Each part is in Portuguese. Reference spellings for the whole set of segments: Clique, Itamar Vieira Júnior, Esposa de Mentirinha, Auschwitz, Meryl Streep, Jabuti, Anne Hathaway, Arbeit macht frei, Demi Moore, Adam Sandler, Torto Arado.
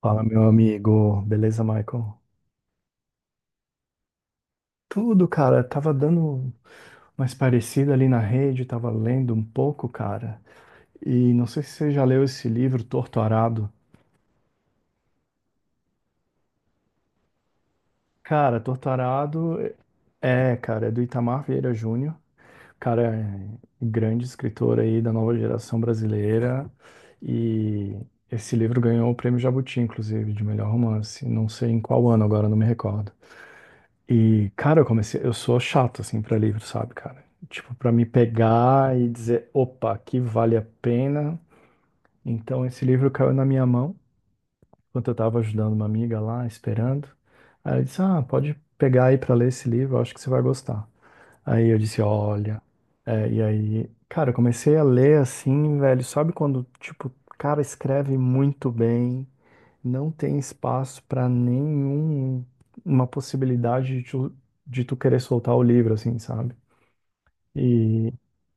Fala, meu amigo. Beleza, Michael? Tudo, cara. Tava dando mais parecida ali na rede, tava lendo um pouco, cara. E não sei se você já leu esse livro, Torto Arado. Cara, Torto Arado é, cara, é do Itamar Vieira Júnior. Cara, é um grande escritor aí da nova geração brasileira. E esse livro ganhou o prêmio Jabuti, inclusive, de melhor romance. Não sei em qual ano agora, não me recordo. E, cara, eu sou chato assim pra livro, sabe, cara? Tipo, pra me pegar e dizer, opa, aqui vale a pena. Então esse livro caiu na minha mão, enquanto eu tava ajudando uma amiga lá, esperando. Aí ela disse: "Ah, pode pegar aí pra ler esse livro, eu acho que você vai gostar". Aí eu disse: "Olha". É, e aí, cara, eu comecei a ler assim, velho, sabe quando, tipo, o cara escreve muito bem, não tem espaço para nenhum, uma possibilidade de tu querer soltar o livro, assim, sabe? E,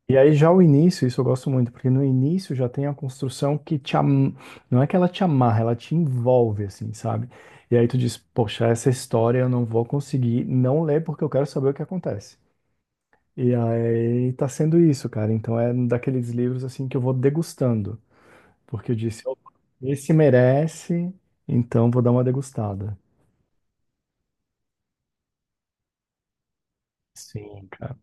e aí já o início, isso eu gosto muito, porque no início já tem a construção que te am... não é que ela te amarra, ela te envolve, assim, sabe? E aí tu diz, poxa, essa história eu não vou conseguir não ler porque eu quero saber o que acontece. E aí tá sendo isso, cara. Então é um daqueles livros assim que eu vou degustando, porque eu disse, opa, esse merece, então vou dar uma degustada. Sim, cara.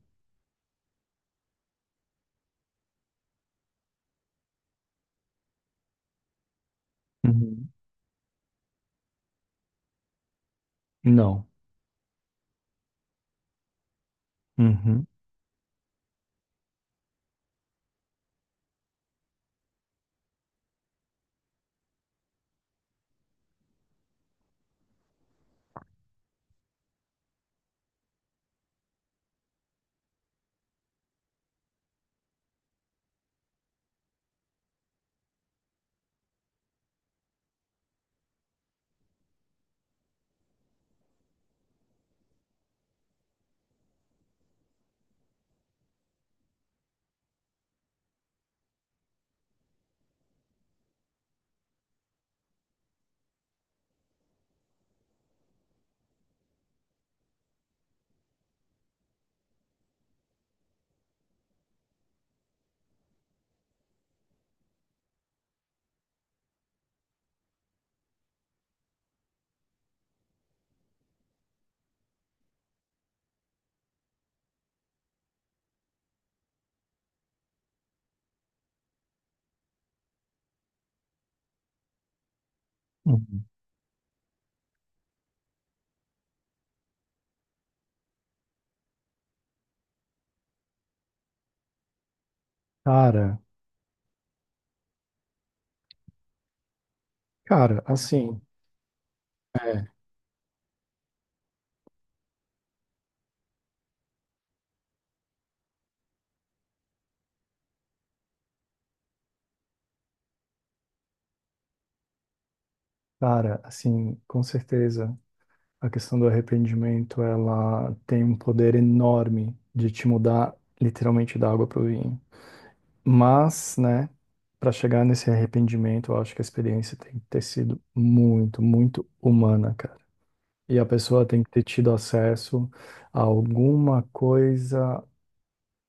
Uhum. Não. Uhum. Uhum. Cara, cara, assim, é, cara, assim, com certeza a questão do arrependimento, ela tem um poder enorme de te mudar literalmente da água pro vinho. Mas, né, para chegar nesse arrependimento, eu acho que a experiência tem que ter sido muito, muito humana, cara. E a pessoa tem que ter tido acesso a alguma coisa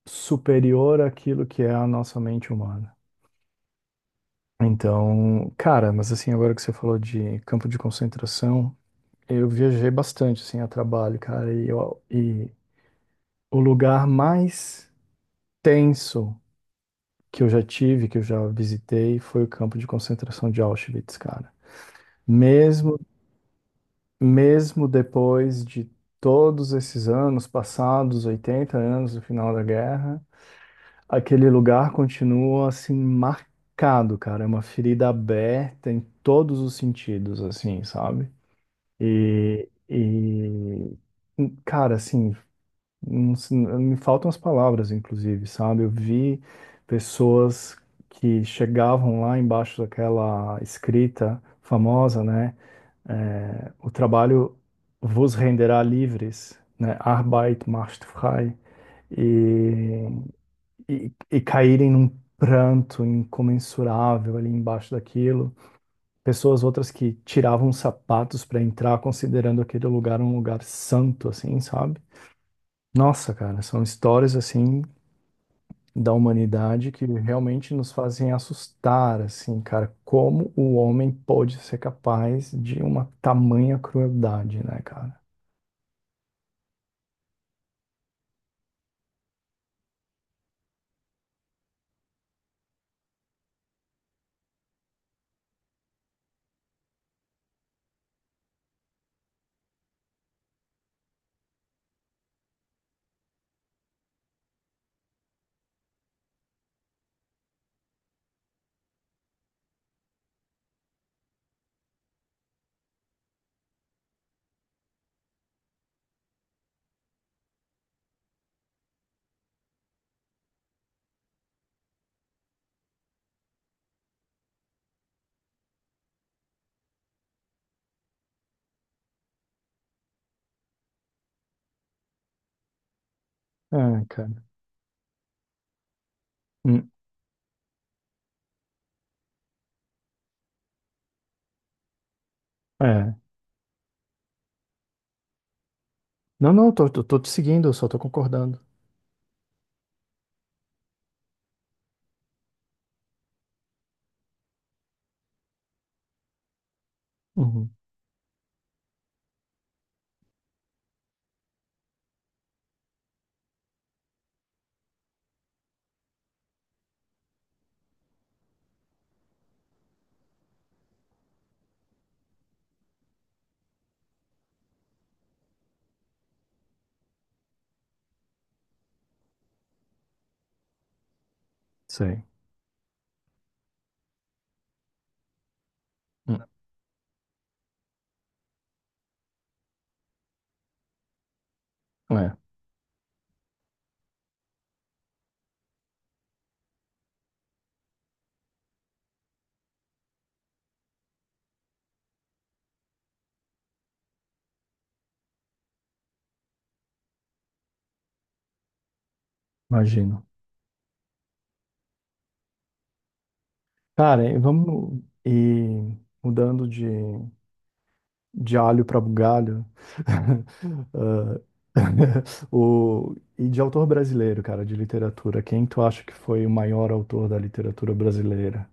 superior àquilo que é a nossa mente humana. Então, cara, mas assim, agora que você falou de campo de concentração, eu viajei bastante, assim, a trabalho, cara, e o lugar mais tenso que eu já visitei, foi o campo de concentração de Auschwitz, cara. Mesmo, Mesmo depois de todos esses anos passados, 80 anos do final da guerra, aquele lugar continua, assim, marcado, cara, é uma ferida aberta em todos os sentidos, assim, sabe? E, cara, assim, não se- me faltam as palavras, inclusive, sabe? Eu vi pessoas que chegavam lá embaixo daquela escrita famosa, né? É, o trabalho vos renderá livres, né? Arbeit macht frei. E, e caírem num pranto incomensurável ali embaixo daquilo, pessoas outras que tiravam sapatos para entrar, considerando aquele lugar um lugar santo, assim, sabe? Nossa, cara, são histórias assim da humanidade que realmente nos fazem assustar, assim, cara, como o homem pode ser capaz de uma tamanha crueldade, né, cara? É, cara. Hum, é. Não, não, tô te seguindo, eu só tô concordando. Uhum, sei. Hum, é, imagino. Cara, e mudando de alho para bugalho. O, e de autor brasileiro, cara, de literatura. Quem tu acha que foi o maior autor da literatura brasileira?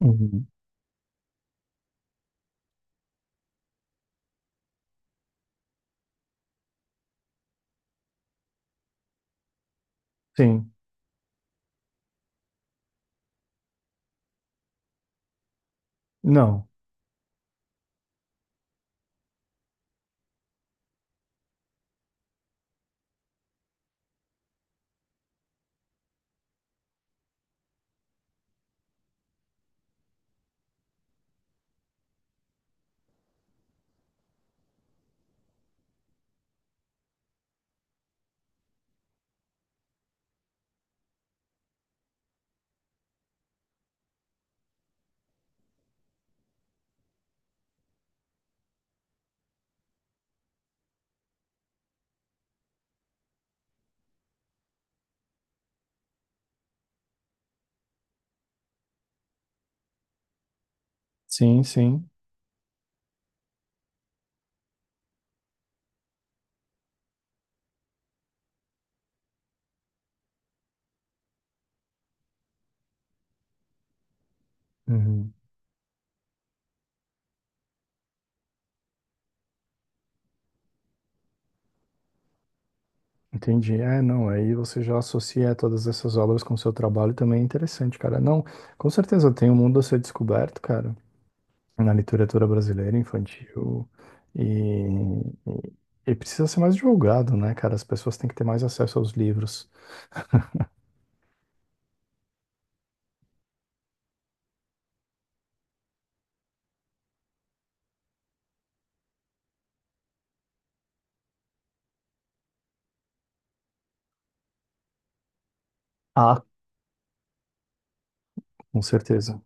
Uhum. Sim. Não. Sim, sim. Uhum. Entendi. É, não, aí você já associa todas essas obras com o seu trabalho também é interessante, cara. Não, com certeza tem um mundo a ser descoberto, cara, na literatura brasileira infantil e, e precisa ser mais divulgado, né, cara? As pessoas têm que ter mais acesso aos livros. Ah, com certeza,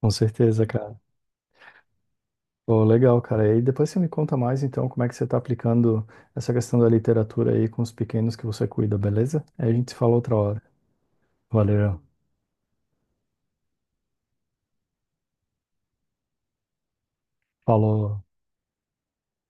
cara. Pô, legal, cara. E depois você me conta mais, então, como é que você está aplicando essa questão da literatura aí com os pequenos que você cuida, beleza? Aí a gente se fala outra hora. Valeu. Falou.